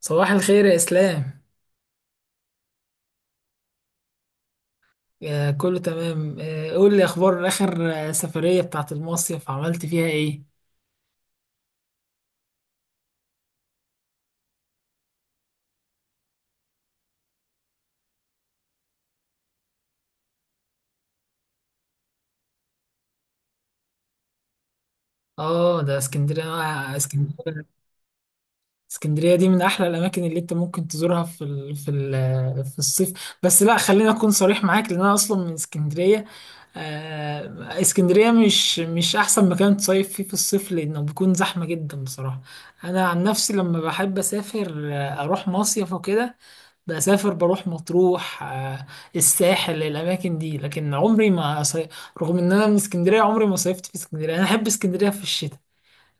صباح الخير يا إسلام. كله تمام. قول لي أخبار آخر سفرية بتاعت المصيف عملت فيها إيه؟ آه، ده اسكندرية. اسكندرية دي من أحلى الأماكن اللي أنت ممكن تزورها في ال... في ال... آه، في الصيف. بس لا، خليني أكون صريح معاك، لأن أنا أصلا من اسكندرية. اسكندرية مش أحسن مكان تصيف فيه في الصيف، لأنه بيكون زحمة جدا بصراحة. أنا عن نفسي لما بحب أسافر أروح مصيف وكده. بروح مطروح، الساحل، الاماكن دي، لكن عمري ما صي... رغم ان انا من اسكندريه، عمري ما صيفت في اسكندريه. انا احب اسكندريه في الشتاء،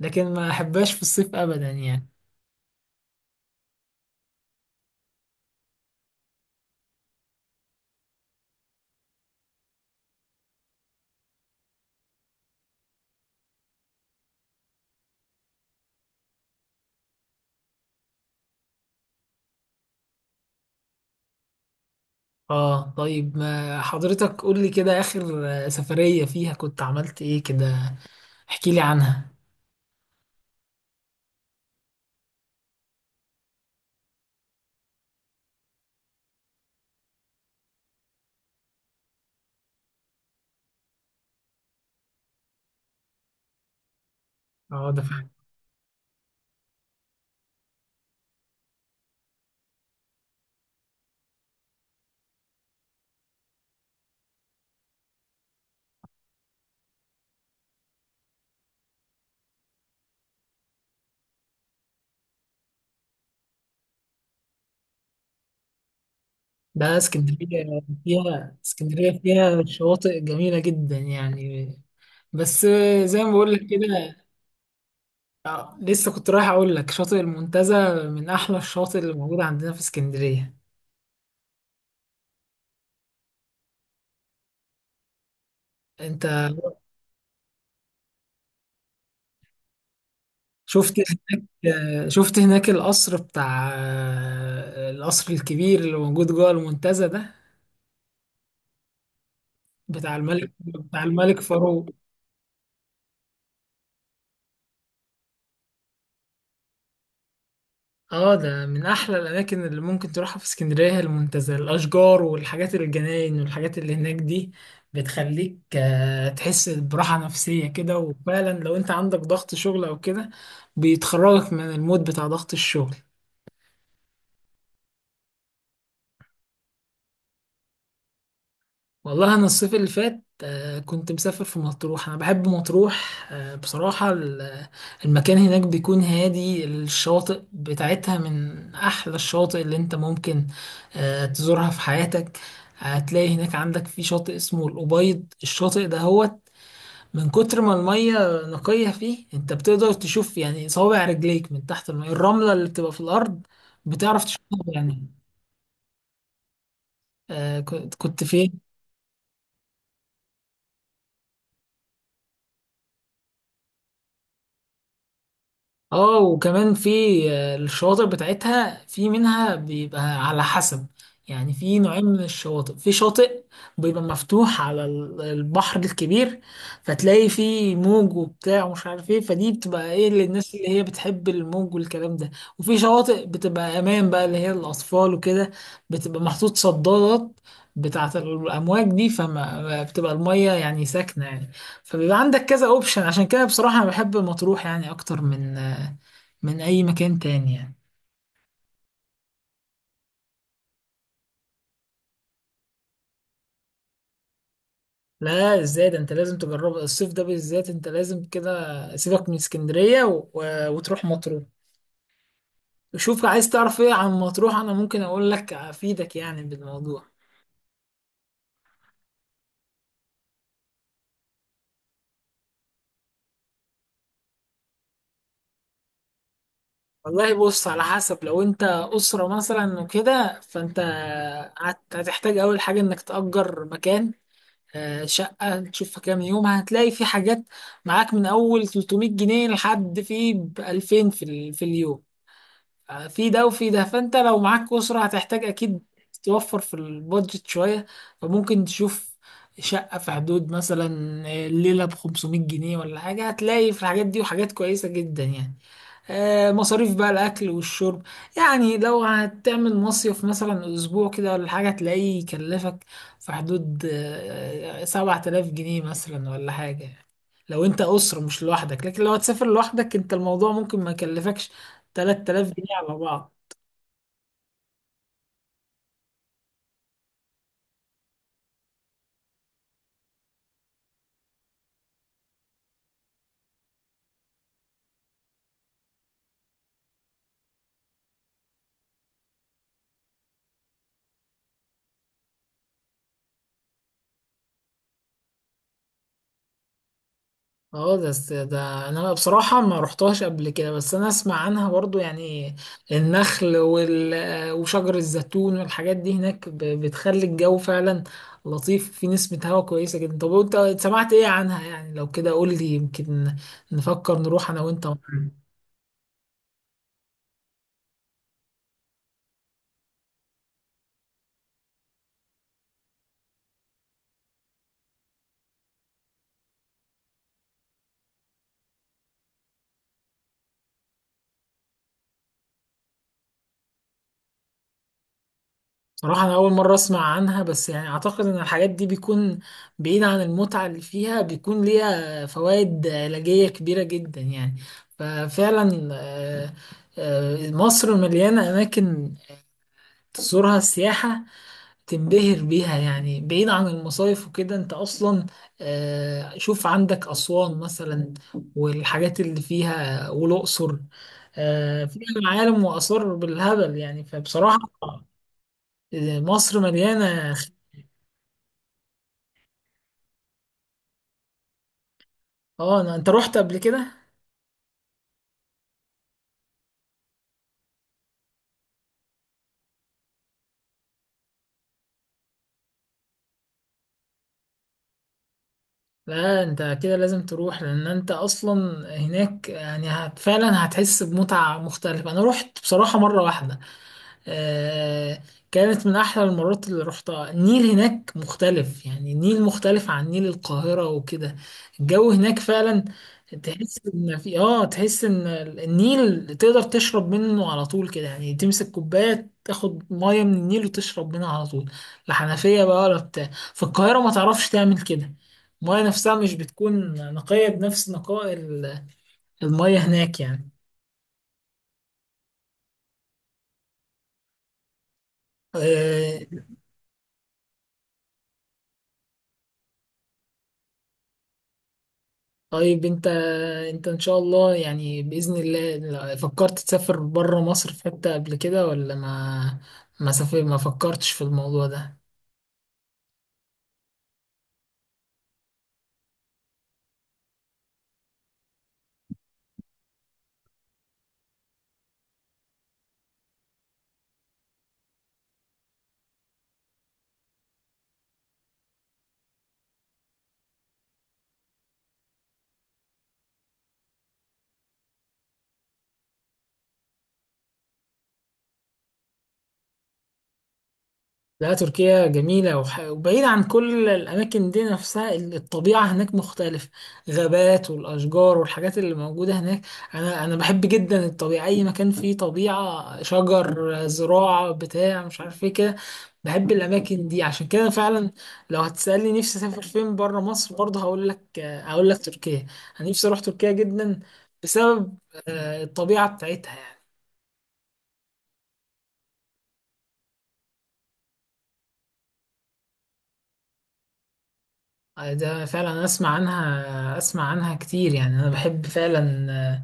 لكن ما احبهاش في الصيف ابدا يعني. اه، طيب، ما حضرتك قول لي كده، اخر سفريه فيها كنت عملت ايه كده. احكي لي عنها. اه، ده فعلا. ده اسكندريه فيها شواطئ جميله جدا يعني. بس زي ما بقول لك كده. لسه كنت رايح اقول لك، شاطئ المنتزه من احلى الشواطئ اللي موجوده عندنا في اسكندريه. انت شفت شفت هناك القصر بتاع القصر الكبير اللي موجود جوه المنتزه ده، بتاع الملك فاروق. اه، ده من احلى الاماكن اللي ممكن تروحها في اسكندريه، هي المنتزه. الاشجار والحاجات، الجناين والحاجات اللي هناك دي بتخليك تحس براحه نفسيه كده، وفعلا لو انت عندك ضغط شغل او كده بيتخرجك من المود بتاع ضغط الشغل. والله انا الصيف اللي فات كنت مسافر في مطروح. انا بحب مطروح بصراحة. المكان هناك بيكون هادي، الشواطئ بتاعتها من احلى الشواطئ اللي انت ممكن تزورها في حياتك. هتلاقي هناك عندك في شاطئ اسمه الأبيض. الشاطئ ده هو من كتر ما المية نقية فيه انت بتقدر تشوف، يعني صوابع رجليك من تحت المية، الرملة اللي بتبقى في الأرض بتعرف تشوفها يعني. كنت فين؟ اه، وكمان في الشواطئ بتاعتها، في منها بيبقى على حسب، يعني في نوعين من الشواطئ. في شاطئ بيبقى مفتوح على البحر الكبير، فتلاقي فيه موج وبتاع ومش عارف ايه، فدي بتبقى ايه للناس اللي هي بتحب الموج والكلام ده. وفي شواطئ بتبقى امان بقى، اللي هي الاطفال وكده، بتبقى محطوط صدادات بتاعة الأمواج دي، فما بتبقى المية يعني ساكنة يعني. فبيبقى عندك كذا اوبشن. عشان كده بصراحة أنا بحب مطروح، يعني أكتر من اي مكان تاني يعني. لا، ازاي ده؟ انت لازم تجربه الصيف ده بالذات. انت لازم كده سيبك من اسكندرية وتروح مطروح. وشوف، عايز تعرف ايه عن مطروح، انا ممكن اقول لك افيدك يعني بالموضوع. والله بص، على حسب. لو انت اسرة مثلا وكده، فانت هتحتاج اول حاجة انك تأجر مكان، شقة تشوفها كام يوم. هتلاقي في حاجات معاك من اول 300 جنيه لحد في 2000 في في اليوم. في ده وفي ده، فانت لو معاك اسره هتحتاج اكيد توفر في البادجت شويه. فممكن تشوف شقه في حدود مثلا الليله ب 500 جنيه ولا حاجه، هتلاقي في الحاجات دي وحاجات كويسه جدا يعني. مصاريف بقى الاكل والشرب، يعني لو هتعمل مصيف مثلا اسبوع كده ولا حاجه، هتلاقيه يكلفك في حدود 7000 جنيه مثلا ولا حاجه، لو انت اسره مش لوحدك. لكن لو هتسافر لوحدك انت، الموضوع ممكن ما يكلفكش 3000 جنيه على بعض. اه، ده انا بصراحة ما رحتهاش قبل كده، بس انا اسمع عنها برضو يعني. النخل وشجر الزيتون والحاجات دي هناك بتخلي الجو فعلا لطيف، في نسمة هواء كويسة جدا. طب وانت سمعت ايه عنها يعني؟ لو كده قول لي، يمكن نفكر نروح انا وانت. صراحة أنا أول مرة أسمع عنها، بس يعني أعتقد إن الحاجات دي بيكون بعيد عن المتعة اللي فيها، بيكون ليها فوائد علاجية كبيرة جدا يعني. ففعلا مصر مليانة أماكن تزورها سياحة تنبهر بيها، يعني بعيد عن المصايف وكده. أنت أصلا شوف عندك أسوان مثلا والحاجات اللي فيها، والأقصر فيها معالم وآثار بالهبل يعني. فبصراحة مصر مليانة. اه، انت رحت قبل كده؟ لا، انت كده لازم تروح، لان انت اصلا هناك يعني هت فعلا هتحس بمتعة مختلفة. انا رحت بصراحة مرة واحدة، آه كانت من احلى المرات اللي رحتها. النيل هناك مختلف، يعني النيل مختلف عن نيل القاهرة وكده. الجو هناك فعلا تحس ان النيل تقدر تشرب منه على طول كده، يعني تمسك كوباية تاخد مية من النيل وتشرب منها على طول. لا حنفية بقى ولا بتاع في القاهرة، ما تعرفش تعمل كده. المية نفسها مش بتكون نقية بنفس نقاء المية هناك يعني. آه، طيب انت ان شاء الله يعني، بإذن الله فكرت تسافر بره مصر في حتة قبل كده؟ ولا ما فكرتش في الموضوع ده؟ لا، تركيا جميلة وبعيدة عن كل الأماكن دي نفسها. الطبيعة هناك مختلفة، غابات والأشجار والحاجات اللي موجودة هناك. أنا بحب جدا الطبيعة، أي مكان فيه طبيعة، شجر، زراعة، بتاع مش عارف إيه كده، بحب الأماكن دي. عشان كده فعلا لو هتسألني نفسي أسافر فين بره مصر برضه، هقول لك تركيا. أنا نفسي أروح تركيا جدا، بسبب الطبيعة بتاعتها يعني. ده فعلا، أنا اسمع عنها كتير يعني. انا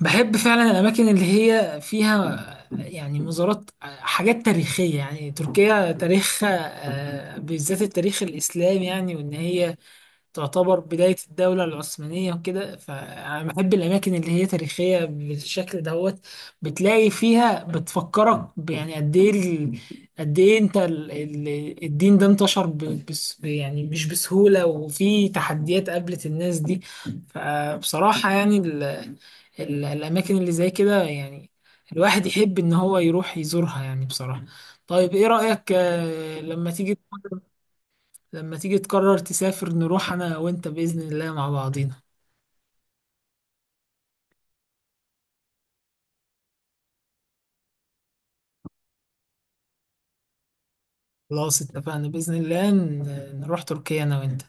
بحب فعلا الاماكن اللي هي فيها، يعني مزارات، حاجات تاريخية، يعني تركيا تاريخها بالذات التاريخ الاسلامي يعني، وان هي تعتبر بداية الدولة العثمانية وكده. فأنا بحب الأماكن اللي هي تاريخية بالشكل دوت، بتلاقي فيها بتفكرك يعني قد إيه قد إيه أنت الدين ده انتشر بس يعني مش بسهولة، وفي تحديات قابلت الناس دي. فبصراحة يعني ال ال الأماكن اللي زي كده، يعني الواحد يحب إن هو يروح يزورها يعني بصراحة. طيب إيه رأيك لما تيجي تقرر تسافر، نروح انا وانت باذن الله مع بعضينا. خلاص اتفقنا باذن الله، نروح تركيا انا وانت.